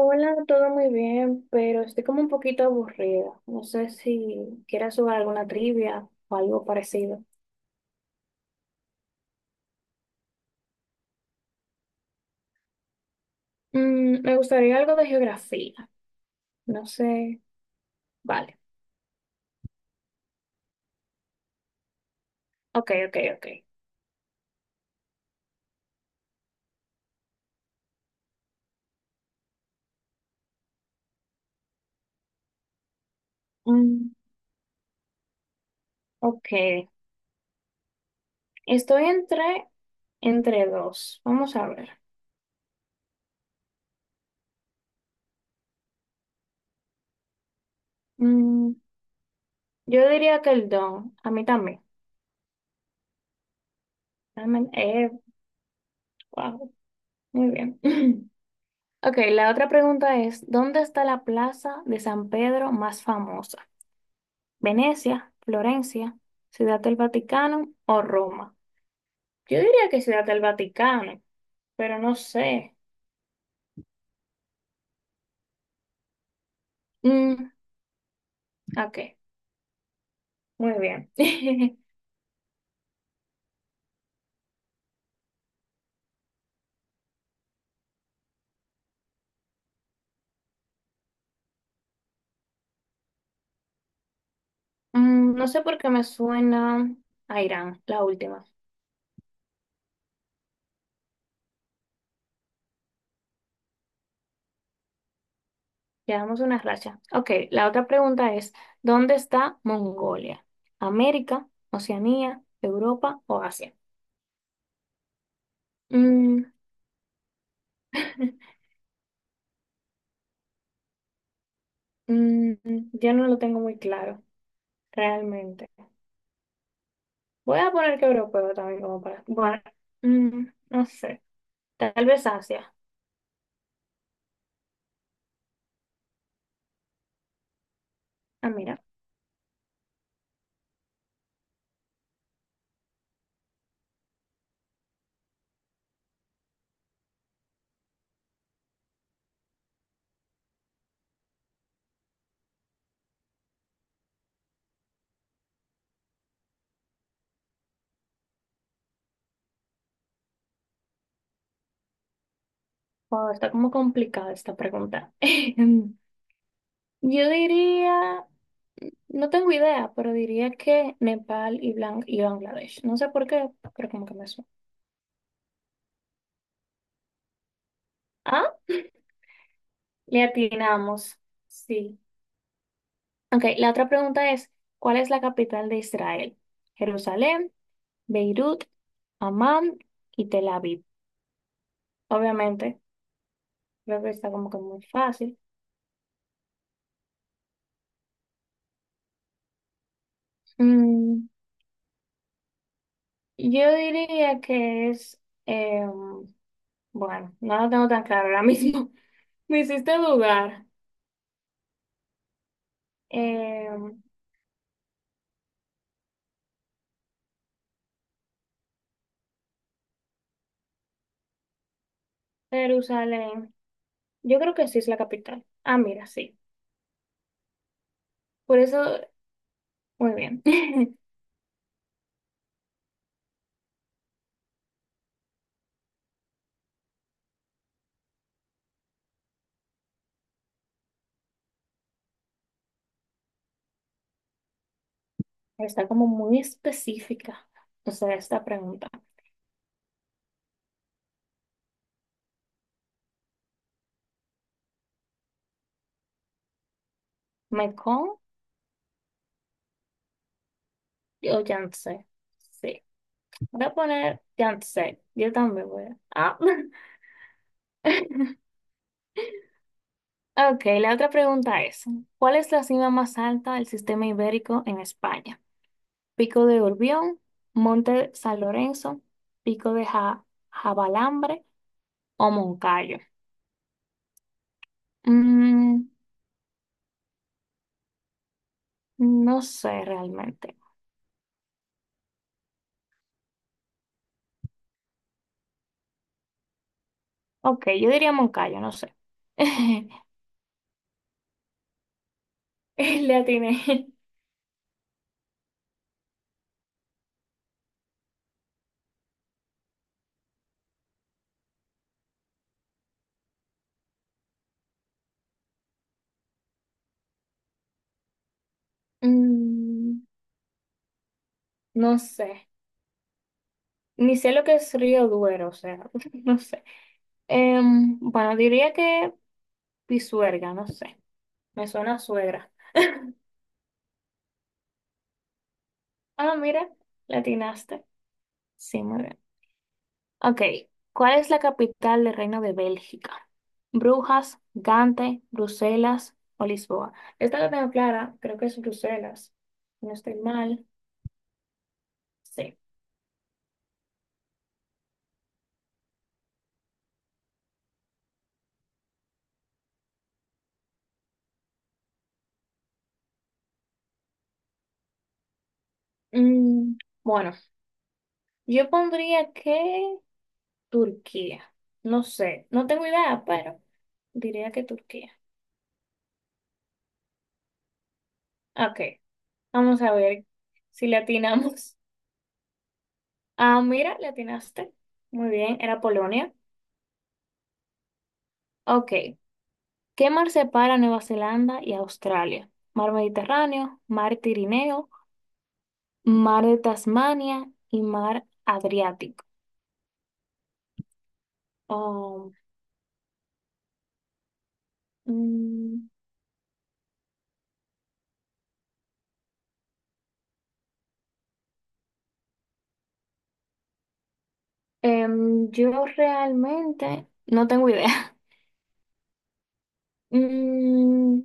Hola, todo muy bien, pero estoy como un poquito aburrida. No sé si quieras jugar alguna trivia o algo parecido. Me gustaría algo de geografía. No sé. Vale. Ok, ok, ok. Mm, ok. Estoy entre, Entre dos. Vamos a ver. Mm, yo diría que el don. A mí también. Realmente- eh, wow. Muy bien. Ok, la otra pregunta es, ¿dónde está la plaza de San Pedro más famosa? Venecia, Florencia, Ciudad del Vaticano o Roma. Yo diría que Ciudad del Vaticano, pero no sé. Mm, ok, muy bien. No sé por qué me suena a Irán, la última. Llevamos una racha. Ok, la otra pregunta es, ¿dónde está Mongolia? ¿América, Oceanía, Europa o Asia? Mm, mm, yo no lo tengo muy claro, realmente. Voy a poner que europeo también como para... Bueno, no sé. Tal vez Asia. Ah, mira. Wow, está como complicada esta pregunta. Yo diría, no tengo idea, pero diría que Nepal y y Bangladesh. No sé por qué, pero como que me suena. Ah, le atinamos. Sí. Ok, la otra pregunta es, ¿cuál es la capital de Israel? Jerusalén, Beirut, Amán y Tel Aviv. Obviamente, creo que está como que muy fácil. Mm, Yo diría que es, eh, bueno, no lo tengo tan claro ahora mismo. Me hiciste dudar. Eh, Jerusalén, yo creo que sí es la capital. Ah, mira, sí. Por eso, muy bien. Está como muy específica, o sea, esta pregunta. ¿Mekong o Yangtze? Sí. Voy a poner Yangtze. Yo también voy a... Ah. Ok, la otra pregunta es, ¿cuál es la cima más alta del sistema ibérico en España? Pico de Urbión, Monte San Lorenzo, Pico de Ja- Jabalambre o Moncayo. Mm, no sé realmente. Ok, yo diría Moncayo, no sé. Le atiné. Mm, no sé. Ni sé lo que es Río Duero, o sea, no sé. Bueno, diría que Pisuerga, no sé. Me suena a suegra. Ah, mira, le atinaste. Sí, muy bien. Ok, ¿cuál es la capital del Reino de Bélgica? Brujas, Gante, Bruselas o Lisboa. Esta la tengo clara, creo que es Bruselas. Si no estoy mal. Sí. Mm, bueno, yo pondría que Turquía. No sé, no tengo idea, pero diría que Turquía. Ok, vamos a ver si le atinamos. Ah, mira, le atinaste. Muy bien, era Polonia. Ok. ¿Qué mar separa Nueva Zelanda y Australia? Mar Mediterráneo, Mar Tirineo, Mar de Tasmania y Mar Adriático. Oh, mm, yo realmente no tengo idea. Mm,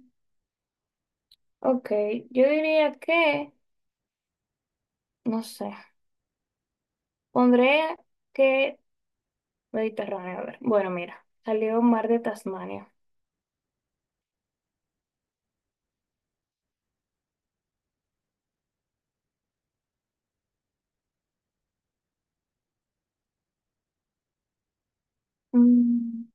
ok, yo diría que, no sé, pondré que Mediterráneo. A ver, bueno, mira, salió Mar de Tasmania. Mm,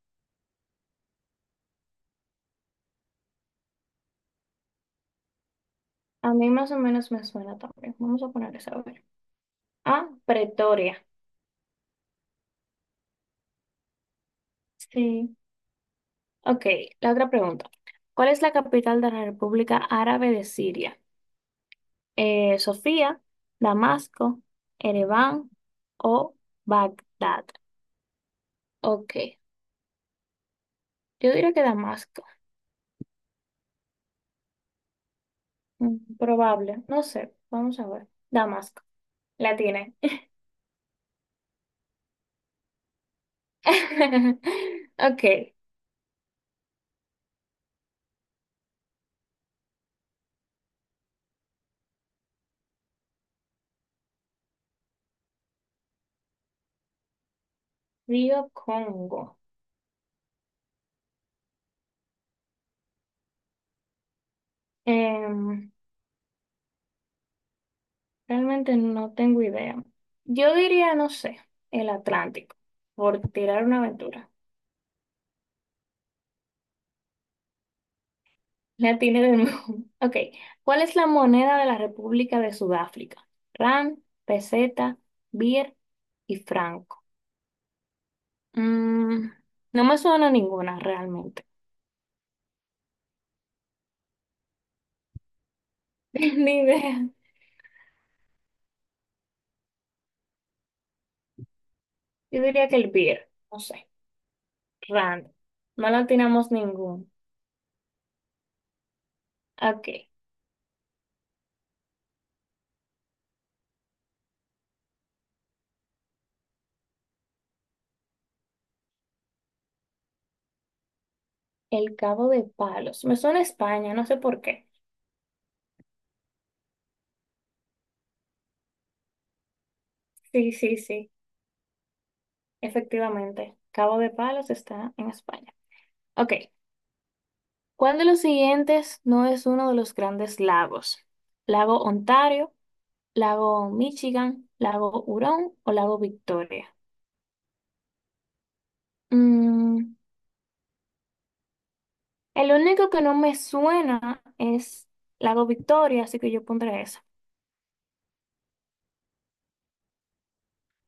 a mí más o menos me suena también. Vamos a poner esa, a ver. Ah, Pretoria. Sí. Ok, la otra pregunta. ¿Cuál es la capital de la República Árabe de Siria? ¿Sofía, Damasco, Ereván o Bagdad? Ok, yo diría que Damasco. Mm, probable, no sé, vamos a ver. Damasco, la tiene. Ok, Río Congo. Em, Realmente no tengo idea. Yo diría, no sé, el Atlántico, por tirar una aventura. La tiene de nuevo. Ok. ¿Cuál es la moneda de la República de Sudáfrica? Rand, peseta, birr y franco. Mm, no me suena ninguna realmente. Ni idea. Yo diría que el birr. No sé. Rand. No la atinamos ningún. Ok. El Cabo de Palos. Me suena a España, no sé por qué. Sí, sí, sí. Efectivamente. Cabo de Palos está en España. Ok. ¿Cuál de los siguientes no es uno de los grandes lagos? ¿Lago Ontario, lago Michigan, lago Hurón o lago Victoria? Mm, el único que no me suena es lago Victoria, así que yo pondré eso.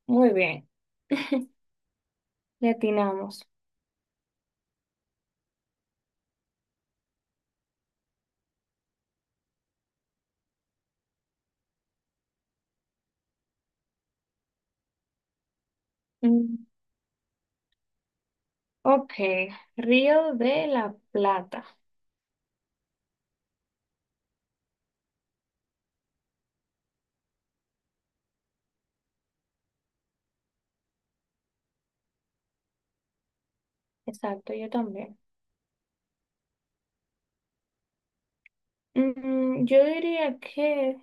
Muy bien, le atinamos. Mm, ok, Río de la Plata. Exacto, yo también. Yo diría que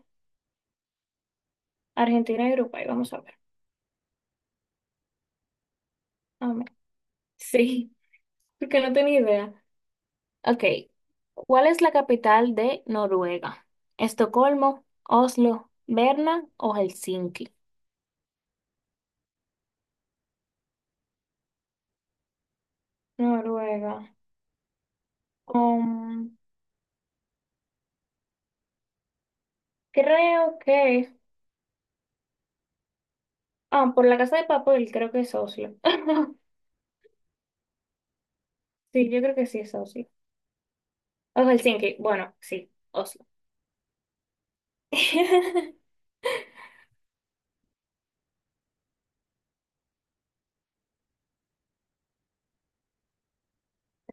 Argentina y Uruguay, vamos a ver. Amén. Sí, porque no tenía idea. Ok, ¿cuál es la capital de Noruega? ¿Estocolmo, Oslo, Berna o Helsinki? Noruega. Um, Creo que. Ah, por la casa de papel, creo que es Oslo. Sí, yo creo que sí es Oslo. O Helsinki. Bueno, sí, Oslo.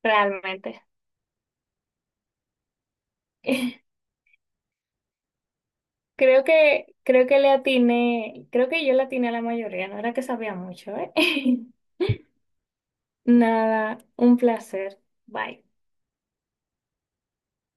Realmente. Creo que le atiné, creo que yo le atiné a la mayoría, no era que sabía mucho, ¿eh? Nada, un placer. Bye.